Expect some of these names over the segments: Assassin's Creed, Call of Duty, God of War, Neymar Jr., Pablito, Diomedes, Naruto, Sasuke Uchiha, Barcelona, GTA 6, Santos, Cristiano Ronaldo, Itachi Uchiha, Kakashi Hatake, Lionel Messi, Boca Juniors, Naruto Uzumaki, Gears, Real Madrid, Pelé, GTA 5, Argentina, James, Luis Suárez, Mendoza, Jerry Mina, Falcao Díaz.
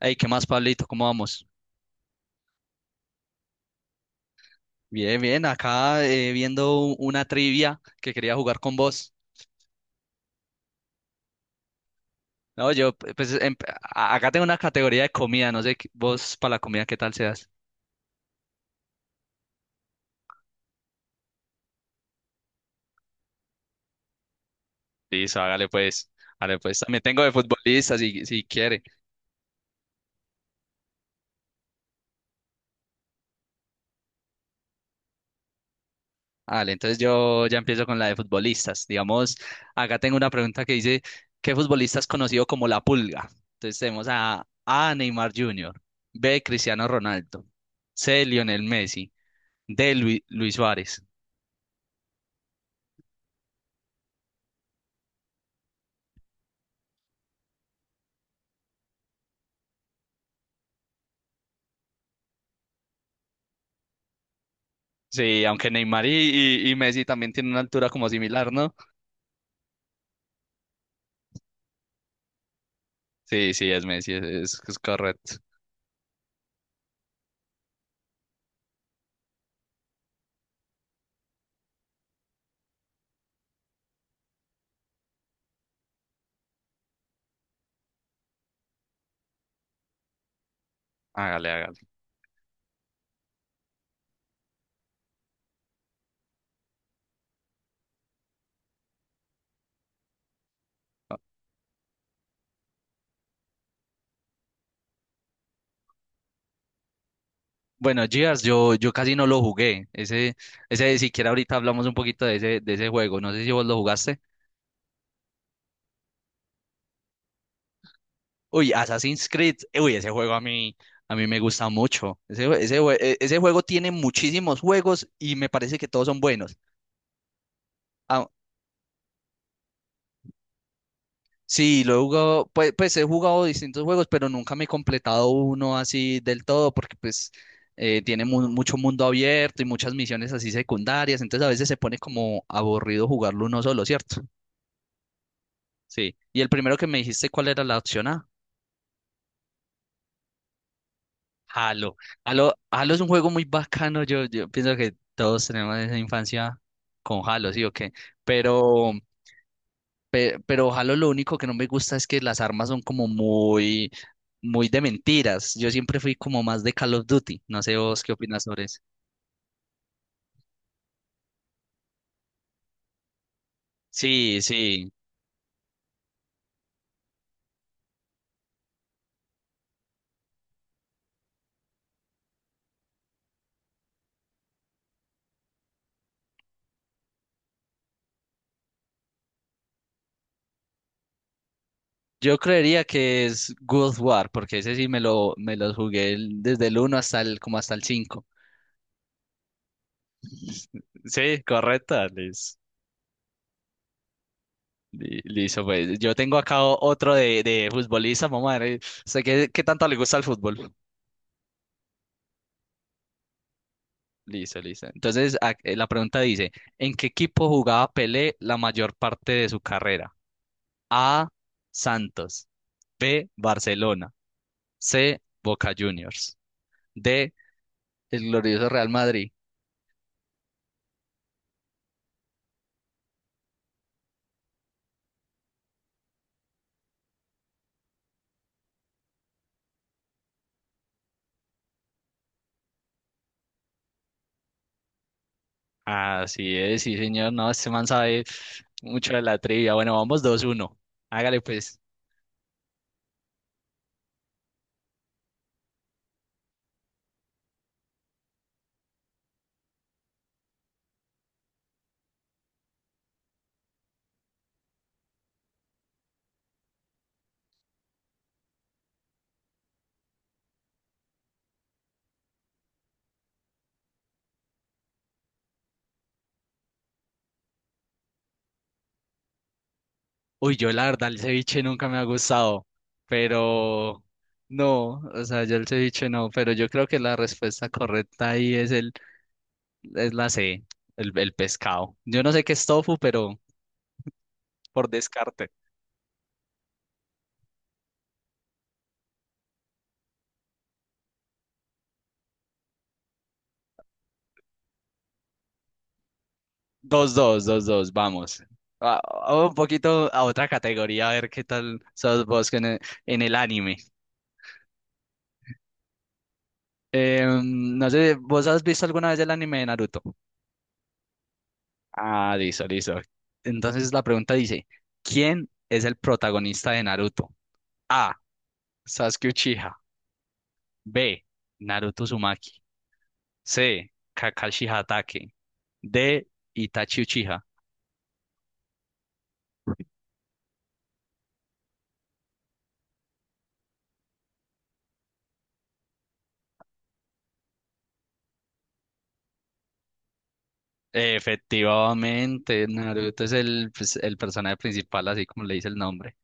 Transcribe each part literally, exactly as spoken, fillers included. Hey, ¿qué más, Pablito? ¿Cómo vamos? Bien, bien, acá eh, viendo u- una trivia que quería jugar con vos. No, yo, p- pues, em- a- acá tengo una categoría de comida, no sé, qué- vos para la comida, ¿qué tal seas? Listo, hágale pues, hágale pues. También tengo de futbolistas, si, si quiere. Vale, entonces yo ya empiezo con la de futbolistas. Digamos, acá tengo una pregunta que dice, ¿qué futbolista es conocido como la Pulga? Entonces tenemos a A, Neymar junior, B, Cristiano Ronaldo, C, Lionel Messi, D, Lui- Luis Suárez. Sí, aunque Neymar y, y, y Messi también tienen una altura como similar, ¿no? Sí, sí, es Messi, es, es- es correcto. Hágale, hágale. Bueno, Gears, yo, yo casi no lo jugué. Ese, ese, siquiera ahorita hablamos un poquito de ese, de ese juego. No sé si vos lo jugaste. Uy, Assassin's Creed. Uy, ese juego a mí, a mí me gusta mucho. Ese, jue- ese, jue- e- ese juego tiene muchísimos juegos y me parece que todos son buenos. Ah, sí, lo he jugado, pues, pues he jugado distintos juegos, pero nunca me he completado uno así del todo, porque pues eh, tiene mu- mucho mundo abierto y muchas misiones así secundarias, entonces a veces se pone como aburrido jugarlo uno solo, ¿cierto? Sí. Y el primero que me dijiste, ¿cuál era la opción A? Halo. Halo, Halo es un juego muy bacano, yo, yo pienso que todos tenemos esa infancia con Halo, ¿sí o qué? Pero, pe- pero Halo lo único que no me gusta es que las armas son como muy muy de mentiras. Yo siempre fui como más de Call of Duty. No sé vos qué opinas sobre eso. Sí, sí. Yo creería que es God of War, porque ese sí me lo, me lo jugué el- desde el uno hasta el, como hasta el cinco. Sí, correcta, Liz. Li- Listo, pues yo tengo acá o- otro de, de futbolista, mamá. Eh, sé que, qué tanto le gusta el fútbol. Listo, listo. Entonces, a- eh, la pregunta dice, ¿en qué equipo jugaba Pelé la mayor parte de su carrera? A, Santos. B, Barcelona. C, Boca Juniors. D, el glorioso Real Madrid. Así es, sí, señor. No, este man sabe mucho de la trivia. Bueno, vamos dos uno. Hágale pues. Uy, yo la verdad el ceviche nunca me ha gustado, pero no, o sea, yo el ceviche no, pero yo creo que la respuesta correcta ahí es el es la C, el, el pescado. Yo no sé qué es tofu, pero por descarte. Dos, dos, dos, dos, vamos. A- a un poquito a otra categoría, a ver qué tal sos vos en el, en el anime. Em, no sé, ¿vos has visto alguna vez el anime de Naruto? Ah, listo, listo. Entonces la pregunta dice, ¿quién es el protagonista de Naruto? A. Sasuke Uchiha. B. Naruto Uzumaki. C. Kakashi Hatake. D. Itachi Uchiha. Efectivamente, Naruto es el, pues, el personaje principal, así como le dice el nombre.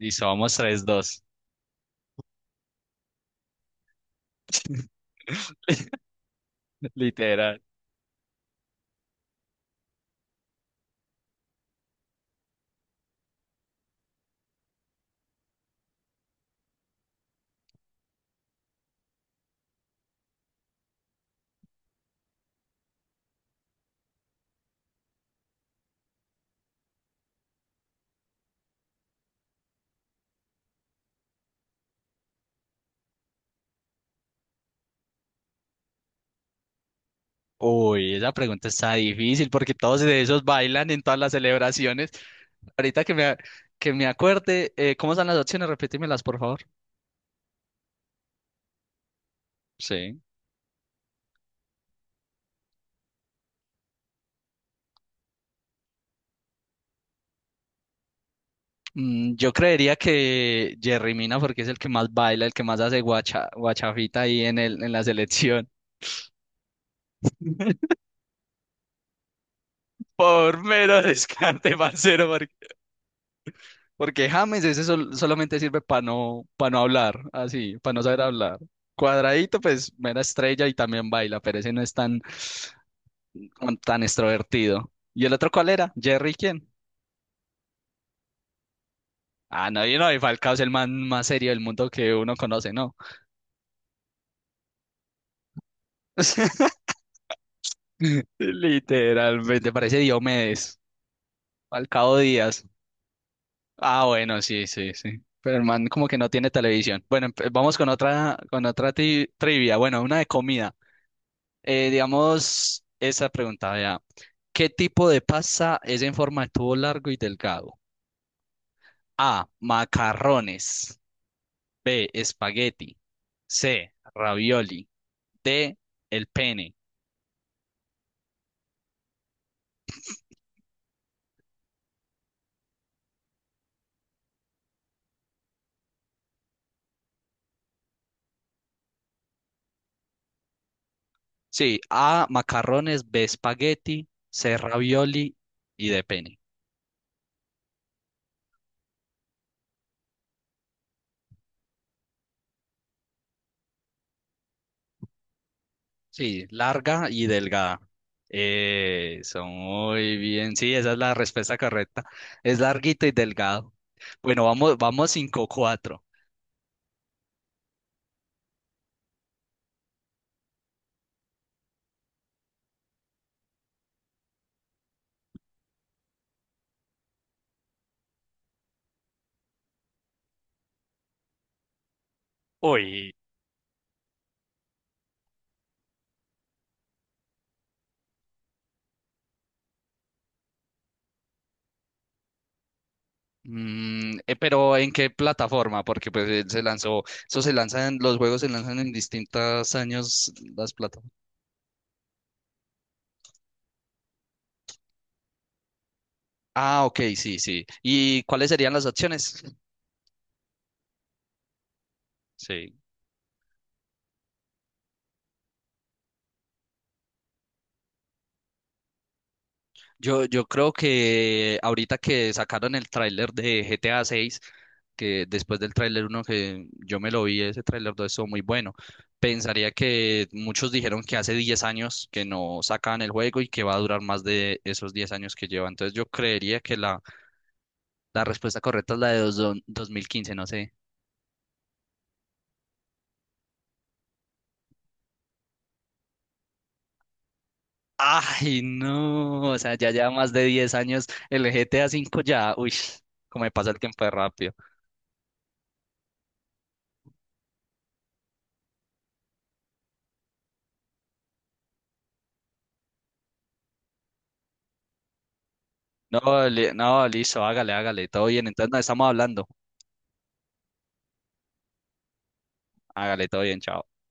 Listo, vamos tres dos. Literal. Uy, esa pregunta está difícil porque todos de esos bailan en todas las celebraciones. Ahorita que me, que me acuerde, eh, ¿cómo están las opciones? Repítemelas, por favor. Sí. Mm, yo creería que Jerry Mina porque es el que más baila, el que más hace guacha, guachafita ahí en el, en la selección. Por mero descarte, parcero, porque James ese sol- solamente sirve para no, para no hablar, así, para no saber hablar. Cuadradito, pues mera estrella y también baila, pero ese no es tan, como tan extrovertido. ¿Y el otro cuál era? ¿Jerry quién? Ah, no, yo no, y Falcao es el man más serio del mundo que uno conoce, ¿no? Literalmente, parece Diomedes. Falcao Díaz. Ah, bueno, sí, sí, sí. Pero el man como que no tiene televisión. Bueno, empe- vamos con otra, con otra ti- trivia. Bueno, una de comida. Eh, digamos, esa pregunta, vea. ¿Qué tipo de pasta es en forma de tubo largo y delgado? A. Macarrones. B. Espagueti. C. Ravioli. D. El pene. Sí, A. Macarrones. B. Espagueti. C. Ravioli. Y D. Pene. Sí, larga y delgada. Eso, muy bien. Sí, esa es la respuesta correcta. Es larguito y delgado. Bueno, vamos, vamos cinco cuatro. Uy, mm, eh, pero ¿en qué plataforma? Porque pues eh, se lanzó, eso se lanzan, los juegos se lanzan en distintos años las plataformas. Ah, ok, sí, sí. ¿Y cuáles serían las opciones? Sí. Yo, yo creo que ahorita que sacaron el tráiler de G T A seis, que después del tráiler uno que yo me lo vi, ese tráiler dos estuvo muy bueno. Pensaría que muchos dijeron que hace diez años que no sacaban el juego y que va a durar más de esos diez años que lleva. Entonces yo creería que la la respuesta correcta es la de dos- don- dos mil quince, no sé. Ay, no, o sea, ya lleva más de diez años el G T A cinco ya, uy, cómo me pasa el tiempo de rápido. No, li- no, listo, hágale, hágale, todo bien, entonces no estamos hablando. Hágale, todo bien, chao.